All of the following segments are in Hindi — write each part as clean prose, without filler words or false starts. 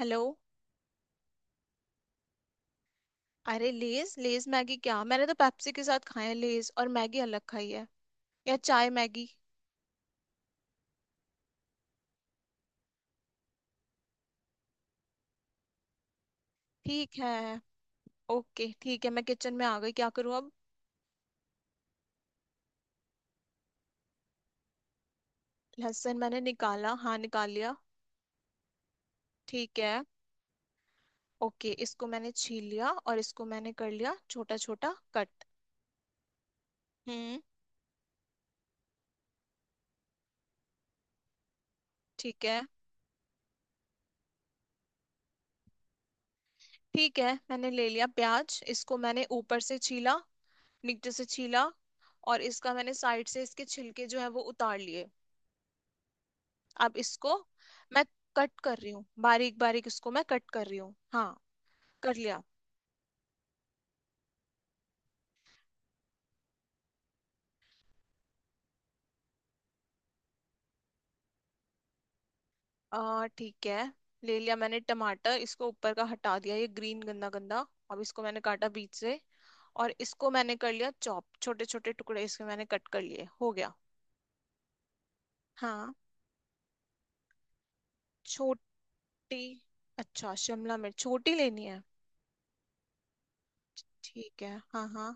हेलो। अरे लेज लेज मैगी, क्या मैंने तो पेप्सी के साथ खाए हैं, लेज और मैगी अलग खाई है या चाय मैगी। ठीक है। ओके ठीक है, मैं किचन में आ गई, क्या करूँ अब। लहसुन मैंने निकाला, हाँ निकाल लिया। ठीक है। ओके, इसको मैंने छील लिया और इसको मैंने कर लिया छोटा छोटा कट। हम्म। ठीक है। ठीक है, मैंने ले लिया प्याज, इसको मैंने ऊपर से छीला, नीचे से छीला और इसका मैंने साइड से इसके छिलके जो है वो उतार लिए। अब इसको मैं कट कर रही हूँ, बारीक बारीक इसको मैं कट कर रही हूँ। हाँ कर लिया। आ ठीक है, ले लिया मैंने टमाटर, इसको ऊपर का हटा दिया, ये ग्रीन गंदा गंदा, अब इसको मैंने काटा बीच से और इसको मैंने कर लिया चॉप, छोटे छोटे टुकड़े इसके मैंने कट कर लिए, हो गया। हाँ। छोटी? अच्छा शिमला मिर्च छोटी लेनी है। ठीक है हाँ हाँ।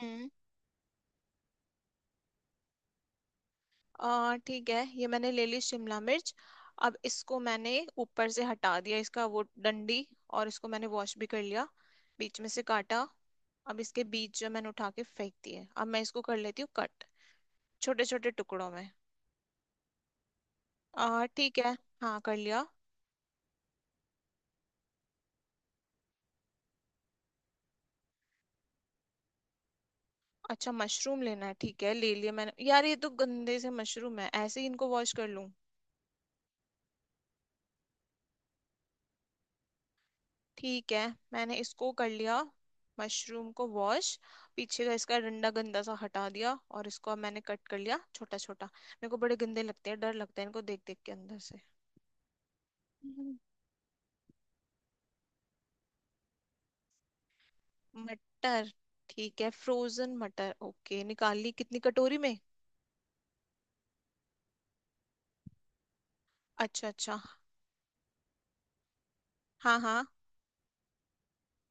हम्म। ठीक है, ये मैंने ले ली शिमला मिर्च, अब इसको मैंने ऊपर से हटा दिया इसका वो डंडी और इसको मैंने वॉश भी कर लिया, बीच में से काटा। अब इसके बीज जो मैंने उठा के फेंक दिए, अब मैं इसको कर लेती हूँ कट, छोटे छोटे टुकड़ों में। ठीक है, हाँ कर लिया। अच्छा मशरूम लेना है, ठीक है, ले लिया मैंने, यार ये तो गंदे से मशरूम है, ऐसे ही इनको वॉश कर लूं? ठीक है मैंने इसको कर लिया, मशरूम को वॉश, पीछे का इसका डंडा गंदा सा हटा दिया और इसको अब मैंने कट कर लिया छोटा छोटा, मेरे को बड़े गंदे लगते हैं, डर लगता है इनको देख देख के अंदर से। हम्म। मटर? ठीक है फ्रोजन मटर, ओके, निकाल ली, कितनी कटोरी में? अच्छा अच्छा। हाँ हाँ।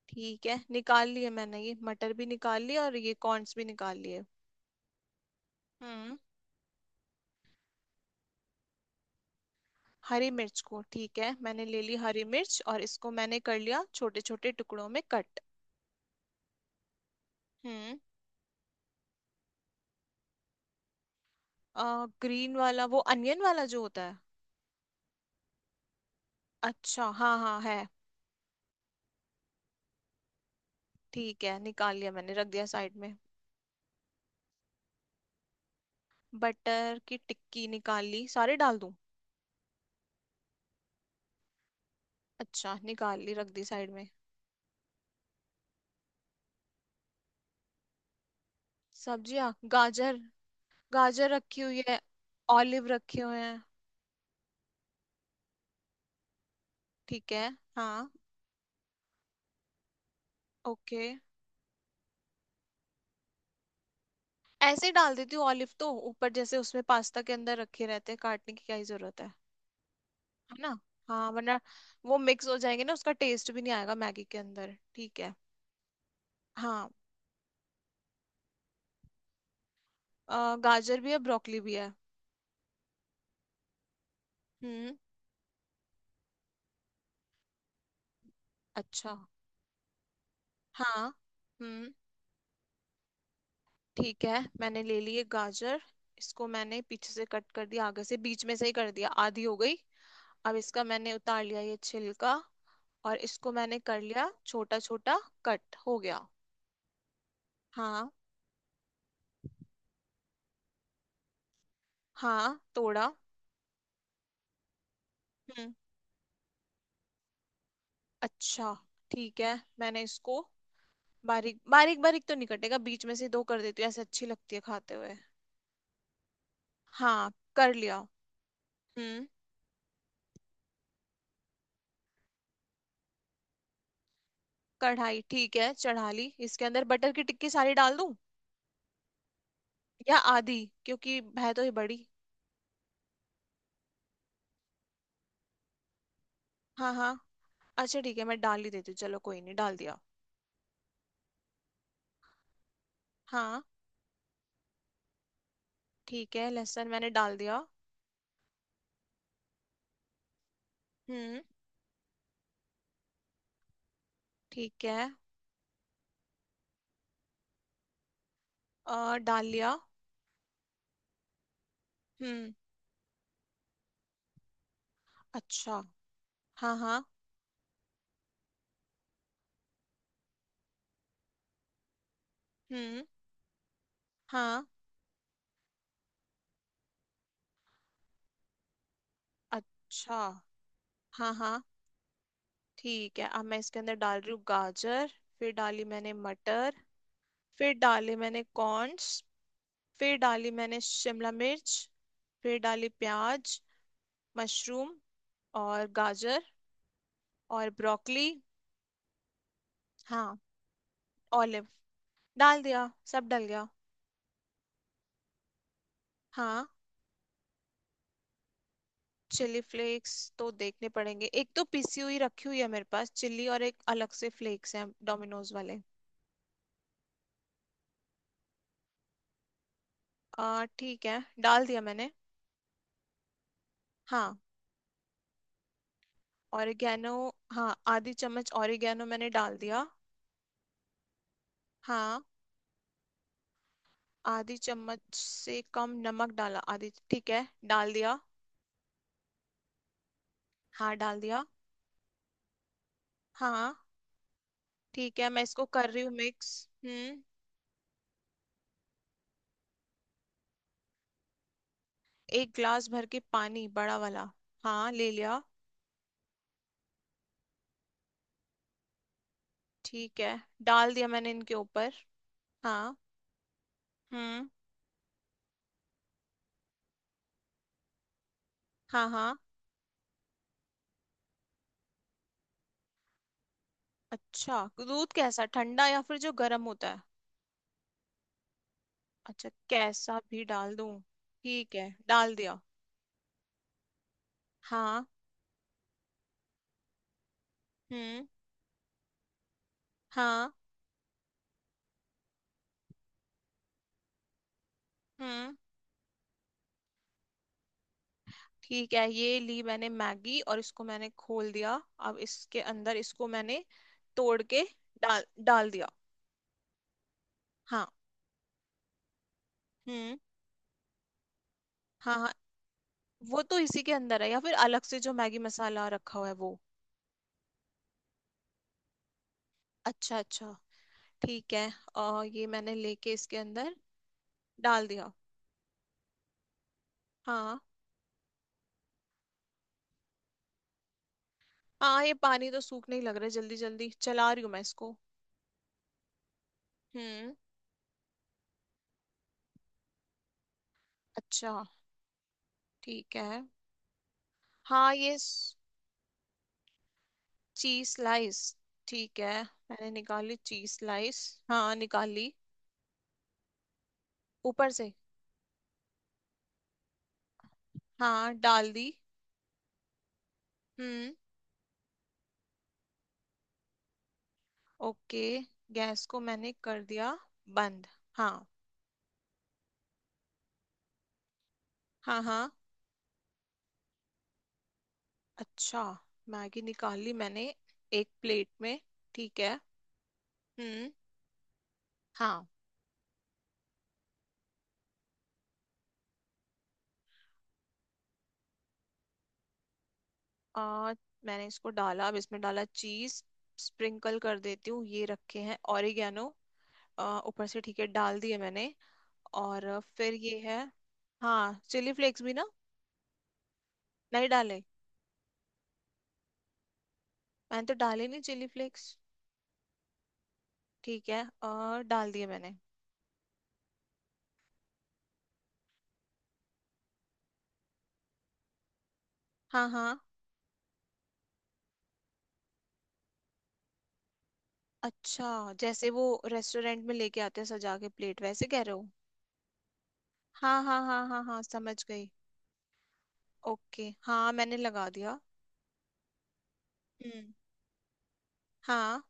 ठीक है निकाल लिए मैंने, ये मटर भी निकाल लिए और ये कॉर्न्स भी निकाल लिए। हम्म। हरी मिर्च को ठीक है, मैंने ले ली हरी मिर्च और इसको मैंने कर लिया छोटे छोटे टुकड़ों में कट। हम्म। ग्रीन वाला, वो अनियन वाला जो होता है? अच्छा हाँ हाँ है। ठीक है निकाल लिया मैंने, रख दिया साइड में। बटर की टिक्की निकाल ली, सारे डाल दूं? अच्छा निकाल ली, रख दी साइड में। सब्जियाँ, गाजर। गाजर रखी हुई है। ऑलिव रखे हुए हैं। ठीक है। हाँ। ओके। ऐसे ही डाल देती हूँ ऑलिव, तो ऊपर जैसे उसमें पास्ता के अंदर रखे रहते हैं, काटने की क्या ही जरूरत है ना। हाँ वरना वो मिक्स हो जाएंगे ना, उसका टेस्ट भी नहीं आएगा मैगी के अंदर, ठीक है। हाँ। गाजर भी है, ब्रोकली भी है। हम्म। अच्छा। हाँ। हम्म। ठीक है मैंने ले ली एक गाजर, इसको मैंने पीछे से कट कर दिया, आगे से बीच में से ही कर दिया, आधी हो गई। अब इसका मैंने उतार लिया ये छिलका और इसको मैंने कर लिया छोटा छोटा, कट हो गया। हाँ। हाँ तोड़ा। हम्म। अच्छा। ठीक है मैंने इसको, बारीक बारीक बारीक तो नहीं कटेगा, बीच में से दो कर देती हूँ, ऐसे अच्छी लगती है खाते हुए। हाँ कर लिया। हम्म। कढ़ाई ठीक है, चढ़ा ली, इसके अंदर बटर की टिक्की सारी डाल दूं या आधी, क्योंकि है तो ये बड़ी। हाँ हाँ। अच्छा ठीक है मैं डाल ही देती हूँ, चलो कोई नहीं, डाल दिया। हाँ। ठीक है लहसुन मैंने डाल दिया। हम्म। ठीक है। और डाल लिया। हम्म। अच्छा। हाँ हाँ। हम्म। हाँ। अच्छा। हाँ हाँ। ठीक है अब मैं इसके अंदर डाल रही हूँ गाजर, फिर डाली मैंने मटर, फिर डाले मैंने कॉर्न्स, फिर डाली मैंने शिमला मिर्च, फिर डाली प्याज, मशरूम और गाजर और ब्रोकली। हाँ। ऑलिव। डाल दिया, सब डल गया। हाँ। चिली फ्लेक्स तो देखने पड़ेंगे, एक तो पिसी हुई रखी हुई है मेरे पास चिली और एक अलग से फ्लेक्स हैं डोमिनोज वाले। आ ठीक है, डाल दिया मैंने। हाँ। ऑरिगेनो, हाँ आधी चम्मच ऑरिगेनो मैंने डाल दिया। हाँ। आधी चम्मच से कम नमक डाला, आधी ठीक है, डाल दिया। हाँ डाल दिया। हाँ। ठीक है मैं इसको कर रही हूँ मिक्स। हम्म। एक ग्लास भर के पानी बड़ा वाला, हाँ ले लिया। ठीक है, डाल दिया मैंने इनके ऊपर। हाँ। हम्म। हाँ हाँ। अच्छा दूध कैसा, ठंडा या फिर जो गर्म होता है? अच्छा कैसा भी डाल दूं, ठीक है डाल दिया। हाँ। हम्म। हाँ। हम्म। ठीक है ये ली मैंने मैगी और इसको मैंने खोल दिया, अब इसके अंदर इसको मैंने तोड़ के डाल डाल दिया। हाँ। हम्म। हाँ हाँ, वो तो इसी के अंदर है या फिर अलग से जो मैगी मसाला रखा हुआ है वो? अच्छा अच्छा ठीक है, और ये मैंने लेके इसके अंदर डाल दिया। हाँ। हाँ ये पानी तो सूखने ही लग रहा है, जल्दी जल्दी चला रही हूँ मैं इसको। हम्म। अच्छा ठीक है। हाँ ये। चीज स्लाइस ठीक है, मैंने निकाली चीज स्लाइस, हाँ निकाली। ऊपर से? हाँ डाल दी। हम्म। ओके, गैस को मैंने कर दिया बंद। हाँ। हाँ। हाँ। अच्छा, मैगी निकाल ली मैंने, एक प्लेट में, ठीक है। हम्म। हाँ। आ, मैंने इसको डाला, अब इसमें डाला चीज, स्प्रिंकल कर देती हूँ, ये रखे हैं ऑरिगेनो, ऊपर से ठीक है, डाल दिए मैंने। और फिर ये है। हाँ चिली फ्लेक्स भी ना नहीं डाले, मैंने तो डाले नहीं चिली फ्लेक्स। ठीक है, डाल दिए मैंने। हाँ हाँ, अच्छा जैसे वो रेस्टोरेंट में लेके आते हैं सजा के प्लेट, वैसे कह रहे हो? हाँ हाँ हाँ हाँ हाँ समझ गई। ओके हाँ मैंने लगा दिया। हम्म। हाँ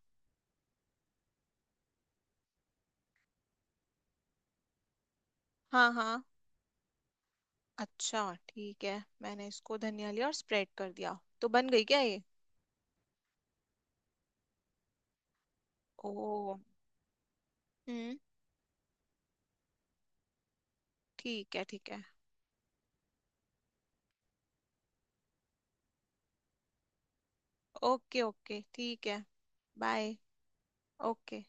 हाँ हाँ। अच्छा ठीक है, मैंने इसको धनिया लिया और स्प्रेड कर दिया, तो बन गई क्या ये? ओ। हम्म। ठीक है ठीक है। ओके ओके ठीक है, बाय। ओके।